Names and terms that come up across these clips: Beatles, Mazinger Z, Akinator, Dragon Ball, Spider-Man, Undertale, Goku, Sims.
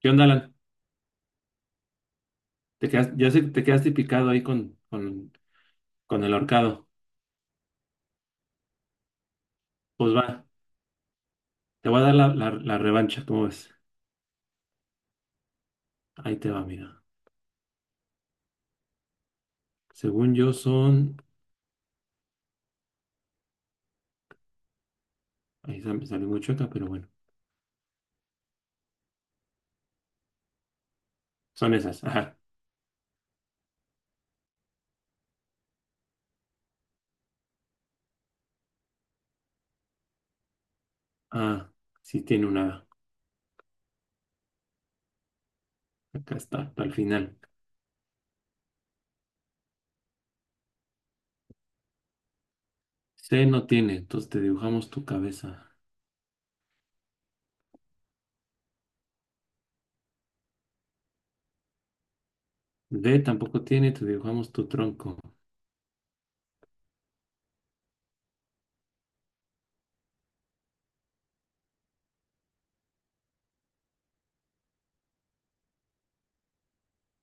¿Qué onda, Alan? Te quedas, ya sé que te quedaste picado ahí con el ahorcado. Pues va, te voy a dar la revancha, ¿cómo ves? Ahí te va, mira. Según yo son... Me salió muy chueca, pero bueno. Son esas, ajá. Ah, sí tiene una... Acá está, hasta el final. C no tiene, entonces te dibujamos tu cabeza. D tampoco tiene, te dibujamos tu tronco.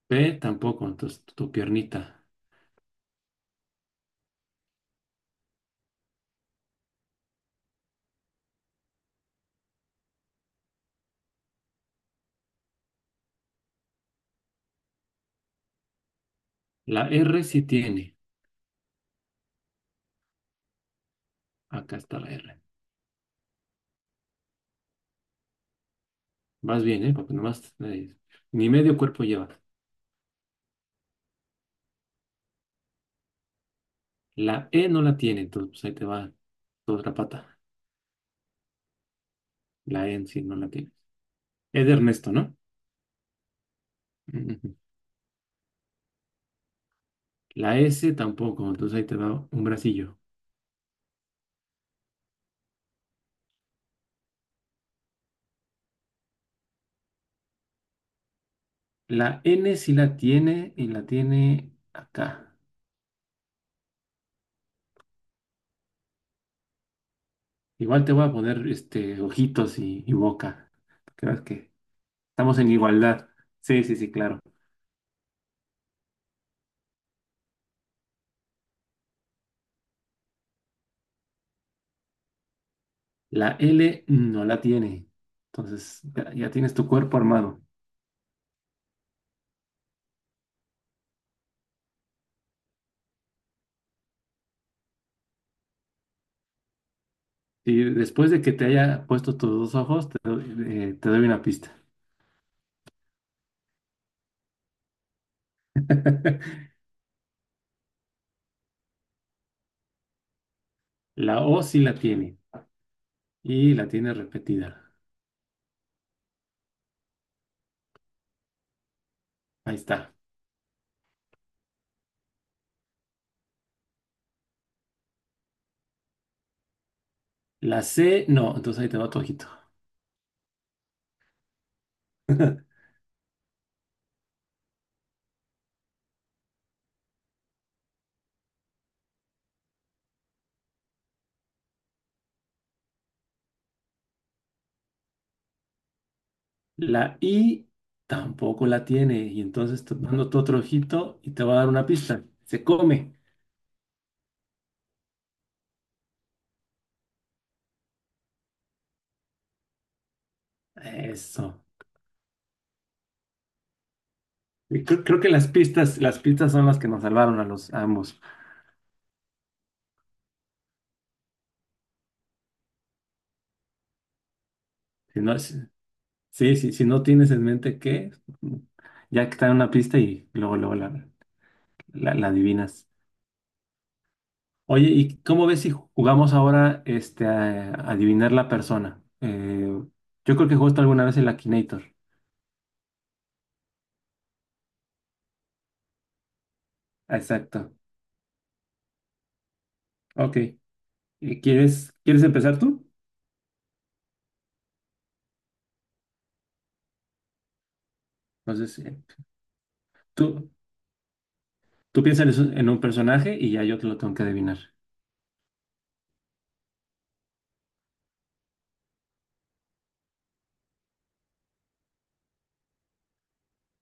P tampoco, entonces tu piernita. La R sí tiene. Acá está la R. Vas bien, ¿eh? Porque nomás... ni medio cuerpo lleva. La E no la tiene, entonces pues ahí te va toda la pata. La E en sí no la tiene. Es de Ernesto, ¿no? Ujú. La S tampoco, entonces ahí te va un bracillo. La N sí la tiene y la tiene acá. Igual te voy a poner este, ojitos y boca. Porque ves que estamos en igualdad. Sí, sí, sí, claro. La L no la tiene. Entonces ya, ya tienes tu cuerpo armado. Y después de que te haya puesto tus dos ojos, te doy una pista. La O sí la tiene y la tiene repetida. Ahí está. La C no, entonces ahí te va tu ojito. La I tampoco la tiene y entonces te mando tu otro ojito y te va a dar una pista. Se come. Eso. Y creo que las pistas son las que nos salvaron a los a ambos. Si no, sí, sí, si no tienes en mente qué, ya que está en una pista y luego la adivinas. Oye, ¿y cómo ves si jugamos ahora este, a adivinar la persona? Yo creo que jugaste alguna vez el Akinator. Exacto. Ok. ¿Y quieres empezar tú? Entonces, tú, tú piensas en un personaje y ya yo te lo tengo que adivinar.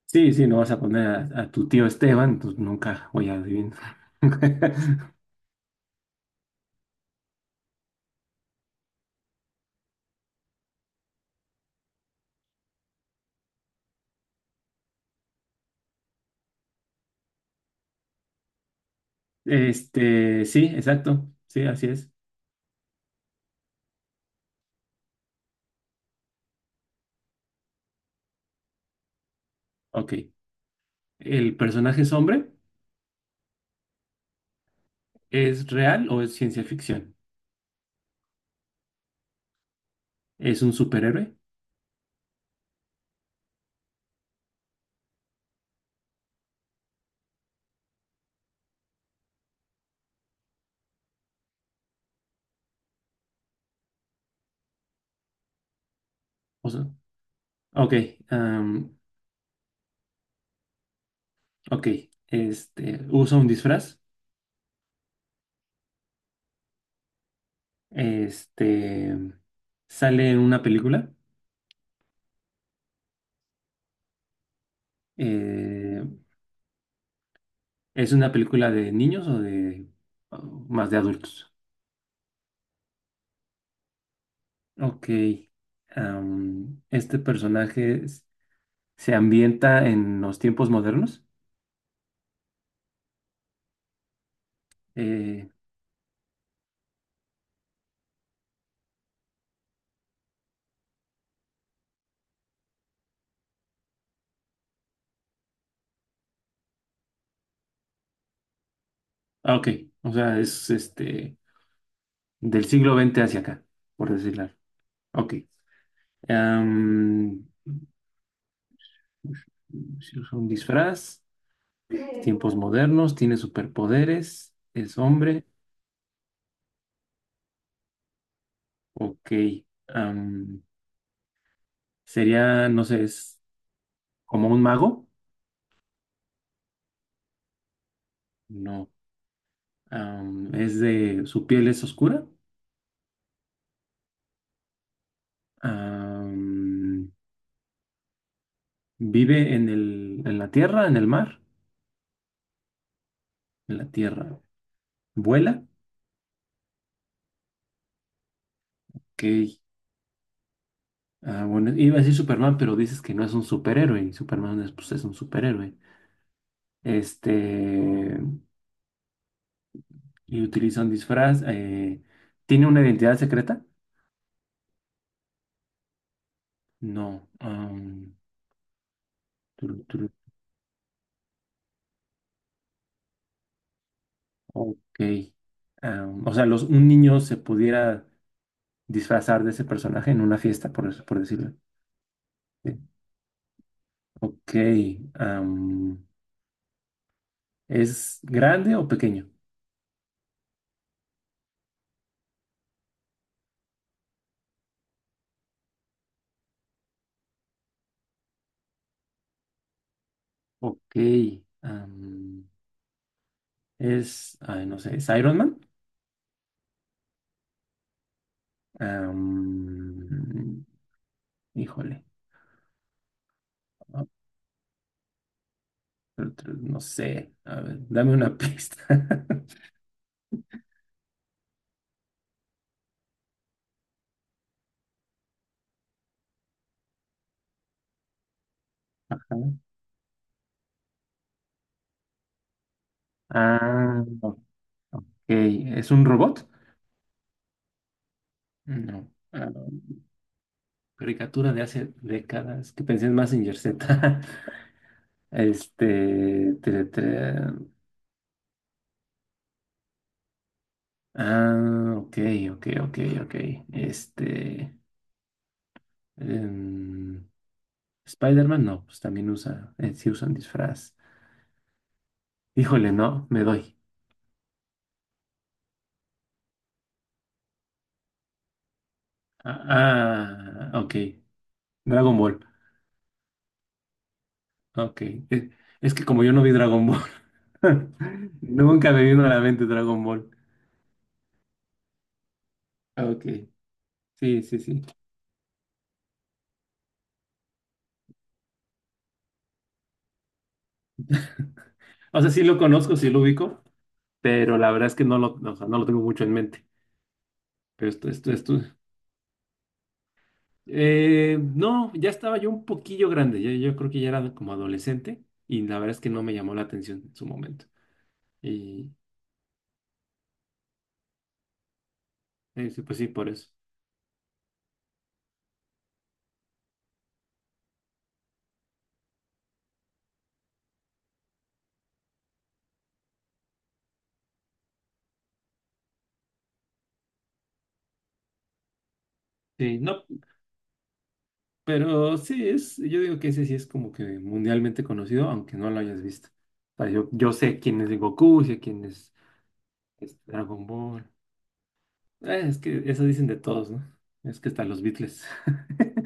Sí, sí, no vas a poner a tu tío Esteban, pues nunca voy a adivinar. Este, sí, exacto. Sí, así es. Ok. ¿El personaje es hombre? ¿Es real o es ciencia ficción? ¿Es un superhéroe? O sea, ok, am, ok. Este, usa un disfraz. Este, sale en una película. eh, ¿Es una película de niños o de o más de adultos? Ok. am, este personaje es- se ambienta en los tiempos modernos. Eh, ah, ok, o sea, es este del siglo XX hacia acá, por decirlo. Ok. am, si usa un disfraz. Tiempos modernos, tiene superpoderes, es hombre, ok. am, sería, no sé, es como un mago, no. Es de, su piel es oscura, am, vive en en la tierra, en el mar, en la tierra, vuela, ok. Ah, bueno, iba a decir Superman, pero dices que no es un superhéroe, y Superman es, pues, es un superhéroe. Este, y utiliza un disfraz, tiene una identidad secreta. No. Tru- tru- ok. Am, o sea, los, un niño se pudiera disfrazar de ese personaje en una fiesta, por, por decirlo. Sí. Ok. am, ¿es grande o pequeño? Ok. am, es, ay, no sé, ¿es Iron Man? Am, híjole. Ah, no sé. A ver, dame una pista. Ajá. Ah, ok. ¿Es un robot? No. Caricatura de hace décadas, que pensé en Mazinger Z. Este. Ah, ok, ok, ok, ok. Este. em, Spider-Man, no, pues también usa. Eh, sí usan disfraz. Híjole, no, me doy. Ah, ah, ok. Dragon Ball. Ok. Eh, es que como yo no vi Dragon Ball, nunca me vino a la mente Dragon Ball. Ah, ok. Sí, sí, sí. O sea, sí lo conozco, sí lo ubico, pero la verdad es que no lo, o sea, no lo tengo mucho en mente. Pero esto. No, ya estaba yo un poquillo grande, yo creo que ya era como adolescente y la verdad es que no me llamó la atención en su momento. Y sí, pues sí, por eso. Sí, no, pero sí es, yo digo que ese sí es como que mundialmente conocido, aunque no lo hayas visto. O sea, yo sé quién es Goku, sé quién es Dragon Ball. Es que eso dicen de todos, ¿no? Es que están los Beatles.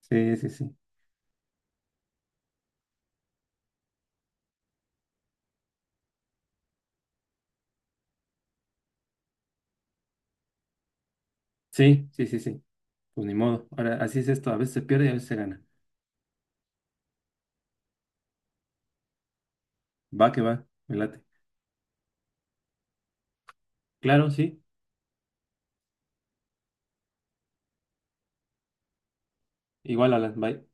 Sí, sí, sí. Sí, sí, sí, sí. Pues ni modo. Ahora, así es esto. A veces se pierde y a veces se gana. Va que va. Me late. Claro, sí. Igual, Alan. Bye.